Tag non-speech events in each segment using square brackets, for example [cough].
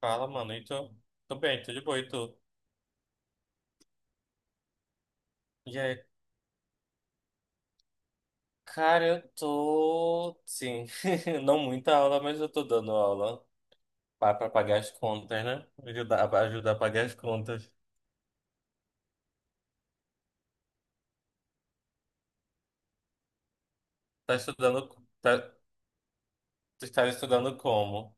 Fala, mano. E tu? Tô bem, tô de boa. E tu? E aí, cara, eu tô. Sim, [laughs] não muita aula, mas eu tô dando aula pra pagar as contas, né? Pra ajudar a pagar as contas. Tá estudando. Tá, tu está estudando como?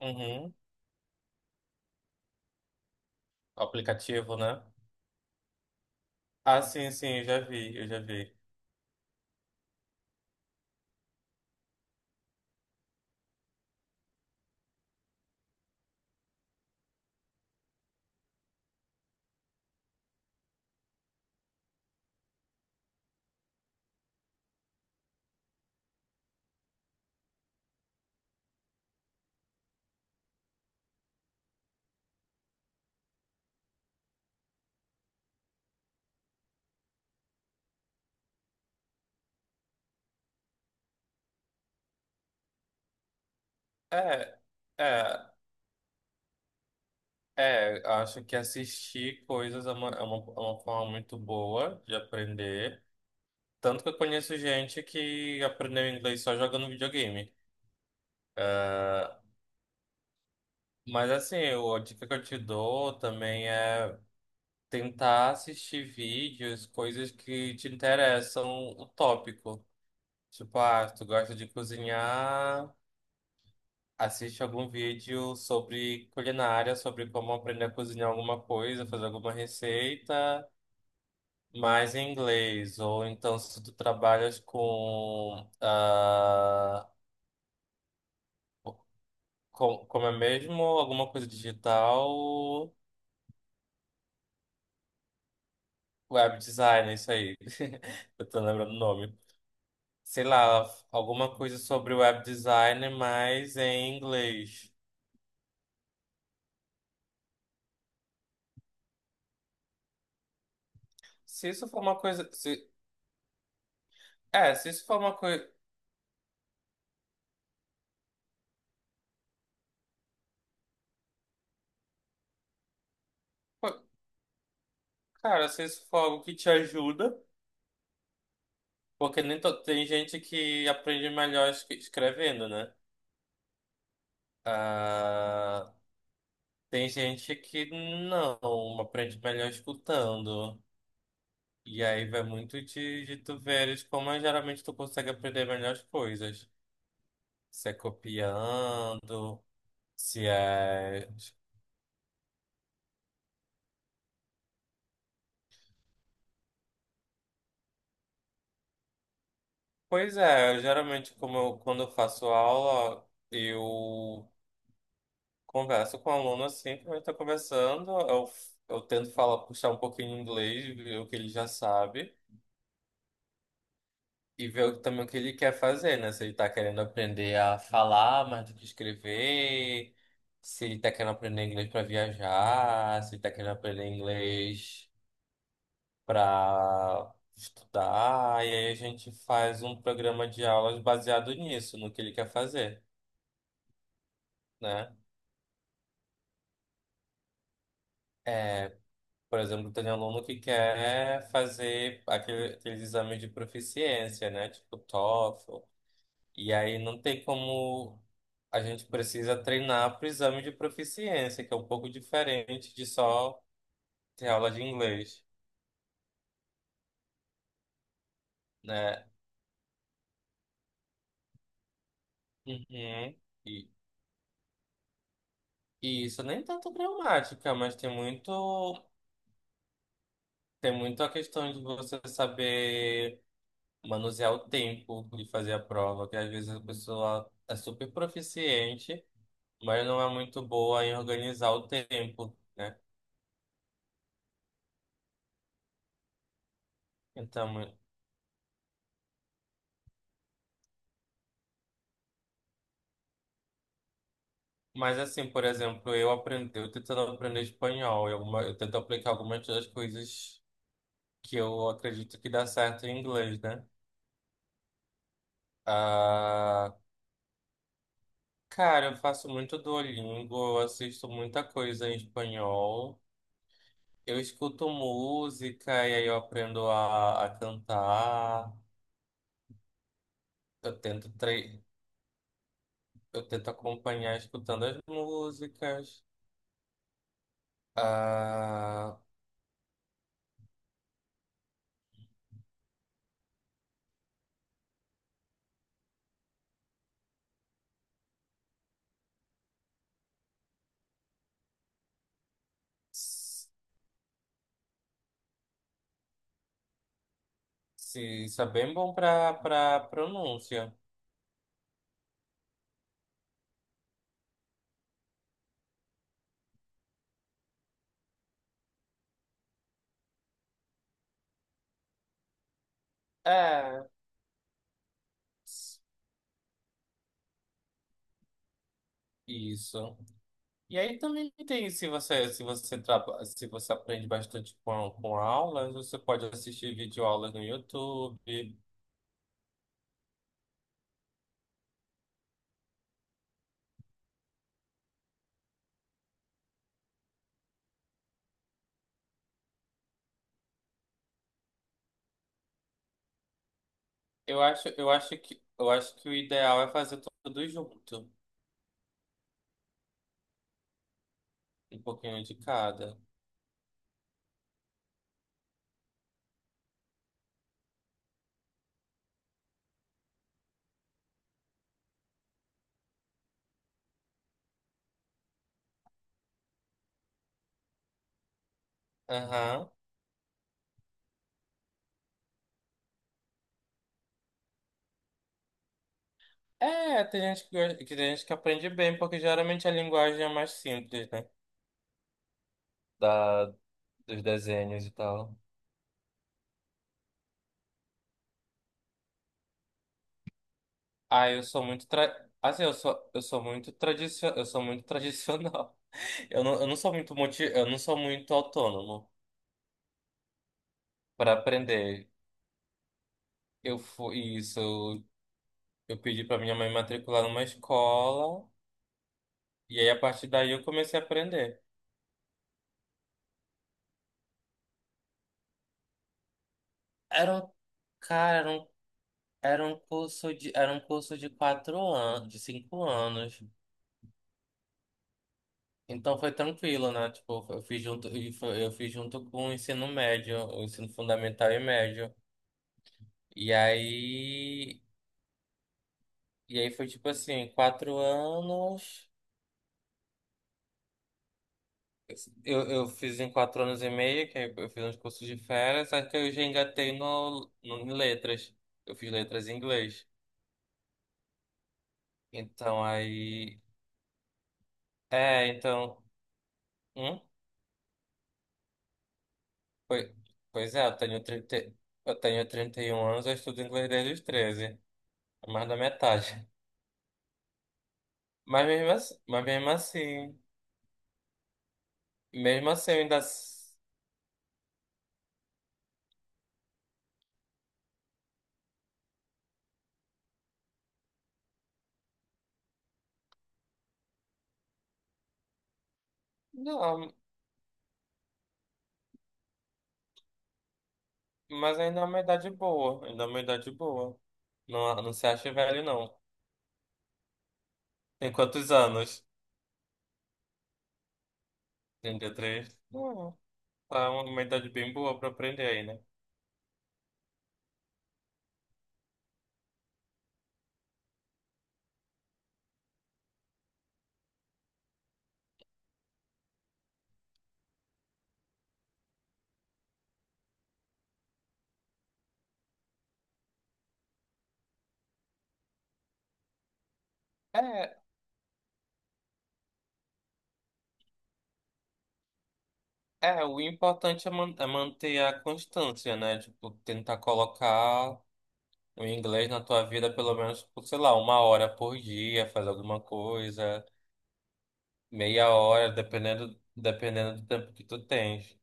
Uhum. Aplicativo, né? Sim, sim, eu já vi, eu já vi. É, é, é. Acho que assistir coisas é uma, forma muito boa de aprender. Tanto que eu conheço gente que aprendeu inglês só jogando videogame. Ah, mas assim, a dica que eu te dou também é tentar assistir vídeos, coisas que te interessam o tópico. Tipo, se tu gosta de cozinhar, assiste algum vídeo sobre culinária, sobre como aprender a cozinhar alguma coisa, fazer alguma receita, mas em inglês. Ou então, se tu trabalhas com, como é mesmo, alguma coisa digital, web design, é isso aí. [laughs] Eu tô lembrando o nome. Sei lá, alguma coisa sobre web design, mas em inglês. Se isso for uma coisa. Se isso for uma coisa. Cara, se isso for algo que te ajuda, porque nem to- tem gente que aprende melhor escrevendo, né? Ah, Tem gente que não aprende melhor escutando. E aí vai muito de, tu veres como é, geralmente tu consegue aprender melhores coisas. Se é copiando, se é. Pois é, geralmente como eu, quando eu faço aula, eu converso com o aluno assim, como a gente tá conversando, eu, tento falar, puxar um pouquinho em inglês, ver o que ele já sabe. E ver também o que ele quer fazer, né? Se ele tá querendo aprender a falar mais do que escrever, se ele tá querendo aprender inglês para viajar, se ele tá querendo aprender inglês para estudar. E aí a gente faz um programa de aulas baseado nisso, no que ele quer fazer, né? É, por exemplo, tem aluno que quer fazer aqueles exames de proficiência, né? Tipo TOEFL. E aí não tem como. A gente precisa treinar para o exame de proficiência, que é um pouco diferente de só ter aula de inglês, né? Uhum. E, e isso nem tanto gramática, mas tem muito, a questão de você saber manusear o tempo de fazer a prova, que às vezes a pessoa é super proficiente, mas não é muito boa em organizar o tempo, né? Então, mas assim, por exemplo, eu aprendi, eu tentando aprender espanhol, eu tento aplicar algumas das coisas que eu acredito que dá certo em inglês, né? Ah, cara, eu faço muito Duolingo, eu assisto muita coisa em espanhol, eu escuto música e aí eu aprendo a, cantar, eu tento tre eu tento acompanhar escutando as músicas. Ah, s- se, isso é bem bom para pronúncia. É, isso. E aí também tem, se você aprende bastante com, aulas, você pode assistir videoaulas no YouTube. Eu acho que o ideal é fazer tudo junto, um pouquinho de cada. Aham. É, tem gente que aprende bem, porque geralmente a linguagem é mais simples, né? Da, Dos desenhos e tal. Ah, eu sou muito tra... Assim, eu sou muito tradicional. [laughs] Eu não sou muito autônomo para aprender. Eu fui isso, eu pedi para minha mãe matricular numa escola e aí a partir daí eu comecei a aprender. Era um cara, era um, era um curso de 4 anos, de 5 anos. Então foi tranquilo, né? Tipo, eu fiz junto com o ensino médio, o ensino fundamental e médio. E aí, e aí foi tipo assim, 4 anos. Eu fiz em 4 anos e meio, que aí eu fiz uns cursos de férias, só que eu já engatei no, em letras. Eu fiz letras em inglês. Então aí. É, então. Hum? Pois, pois é, eu tenho 31 anos, eu estudo inglês desde os 13, é mais da metade. Mas mesmo assim, mesmo assim eu ainda. Não. Mas ainda é uma idade boa, ainda é uma idade boa. Não, não se acha velho, não. Tem quantos anos? 33? Não, tá uma idade bem boa pra aprender aí, né? É, é, o importante é, manter a constância, né? Tipo, tentar colocar o inglês na tua vida pelo menos, por, sei lá, 1 hora por dia, fazer alguma coisa, meia hora, dependendo do tempo que tu tens.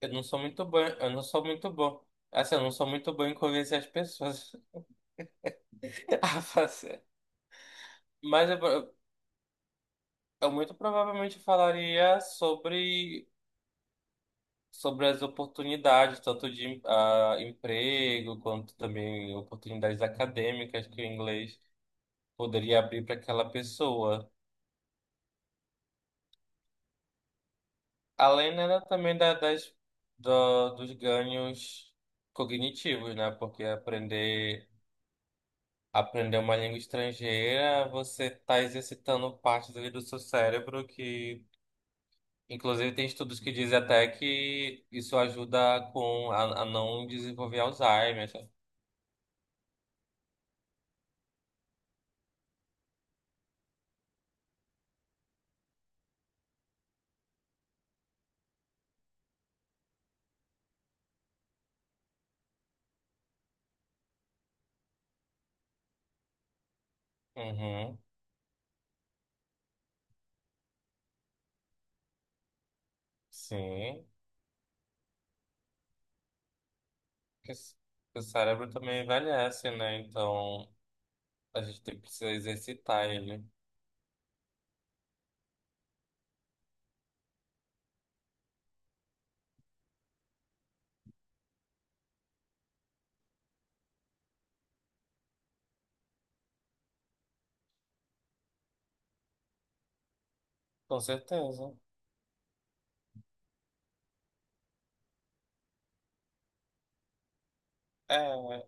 Eu não sou muito bom, eu não sou muito bom. Assim, eu não sou muito bom em convencer as pessoas. [laughs] Fazer. Mas eu muito provavelmente falaria sobre, as oportunidades, tanto de emprego, quanto também oportunidades acadêmicas que o inglês poderia abrir para aquela pessoa. Além, né, também da, dos ganhos cognitivos, né? Porque aprender uma língua estrangeira, você está exercitando partes ali do seu cérebro que inclusive, tem estudos que dizem até que isso ajuda com a, não desenvolver Alzheimer. Uhum, sim. Porque o cérebro também envelhece, né? Então, precisa exercitar ele. Com certeza. É, uhum.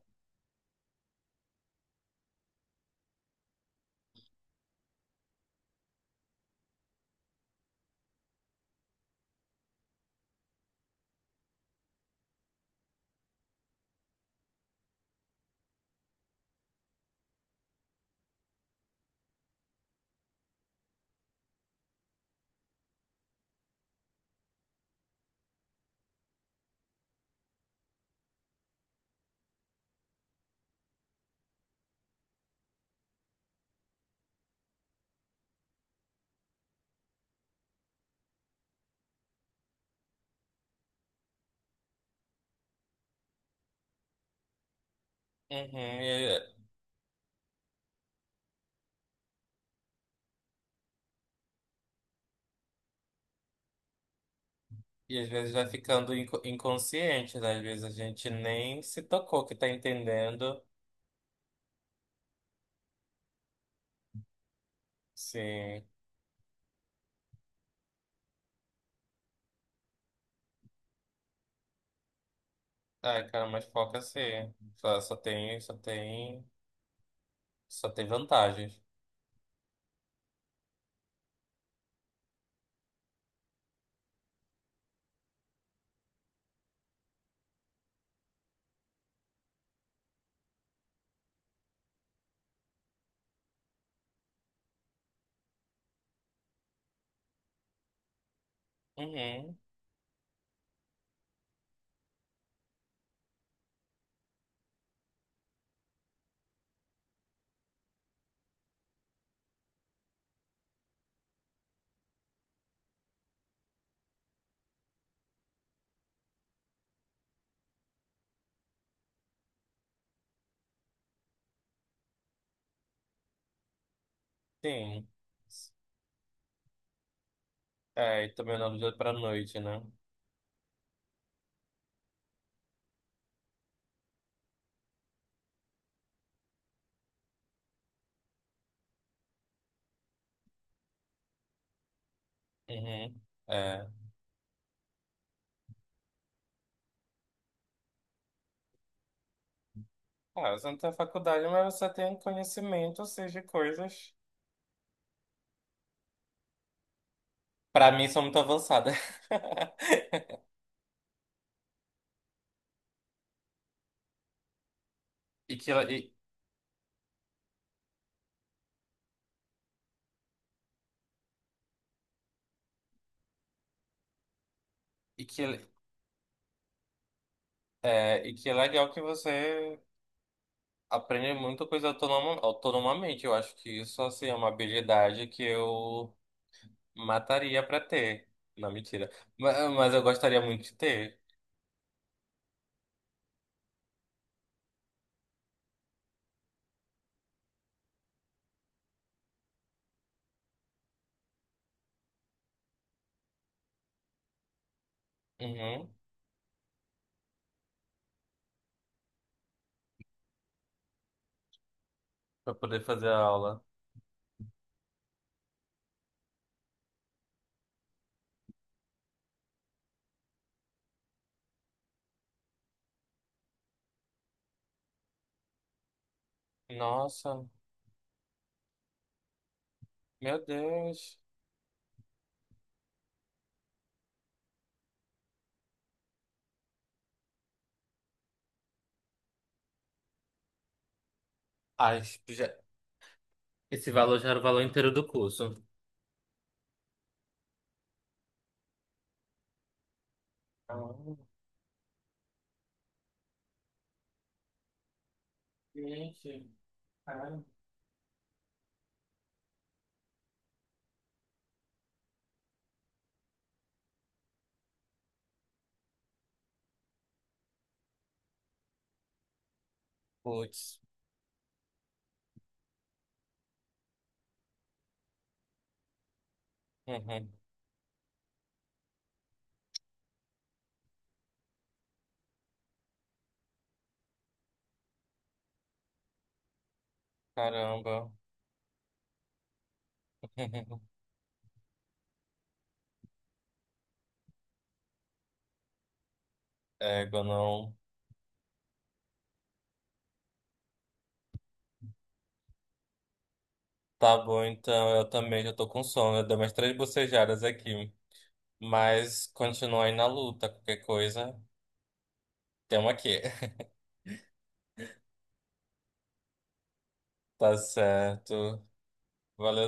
E, e às vezes vai ficando inconsciente, né? Às vezes a gente nem se tocou que tá entendendo. Sim. Ai, cara, mas foca assim. Só, só tem, só tem, só tem vantagens. Uhum. Sim. É, e também não do dia para noite, né? Uhum. É. Você não tem faculdade, mas você tem conhecimento, assim, de coisas. Para mim, são muito avançadas. [laughs] E que, e, e que, e que é legal que você aprende muita coisa autonomamente. Eu acho que isso, assim, é uma habilidade que eu mataria para ter. Não, mentira. Mas eu gostaria muito de ter. Uhum. Para poder fazer a aula. Nossa, meu Deus. Ai, já... Esse valor já era o valor inteiro do curso. Ah, Gente, caramba. Putz. Uhum. Caramba. [laughs] Égua, não. Tá bom, então. Eu também já tô com sono. Eu dei umas três bocejadas aqui. Mas continua aí na luta. Qualquer coisa, tem uma aqui. [laughs] Tá certo. Valeu.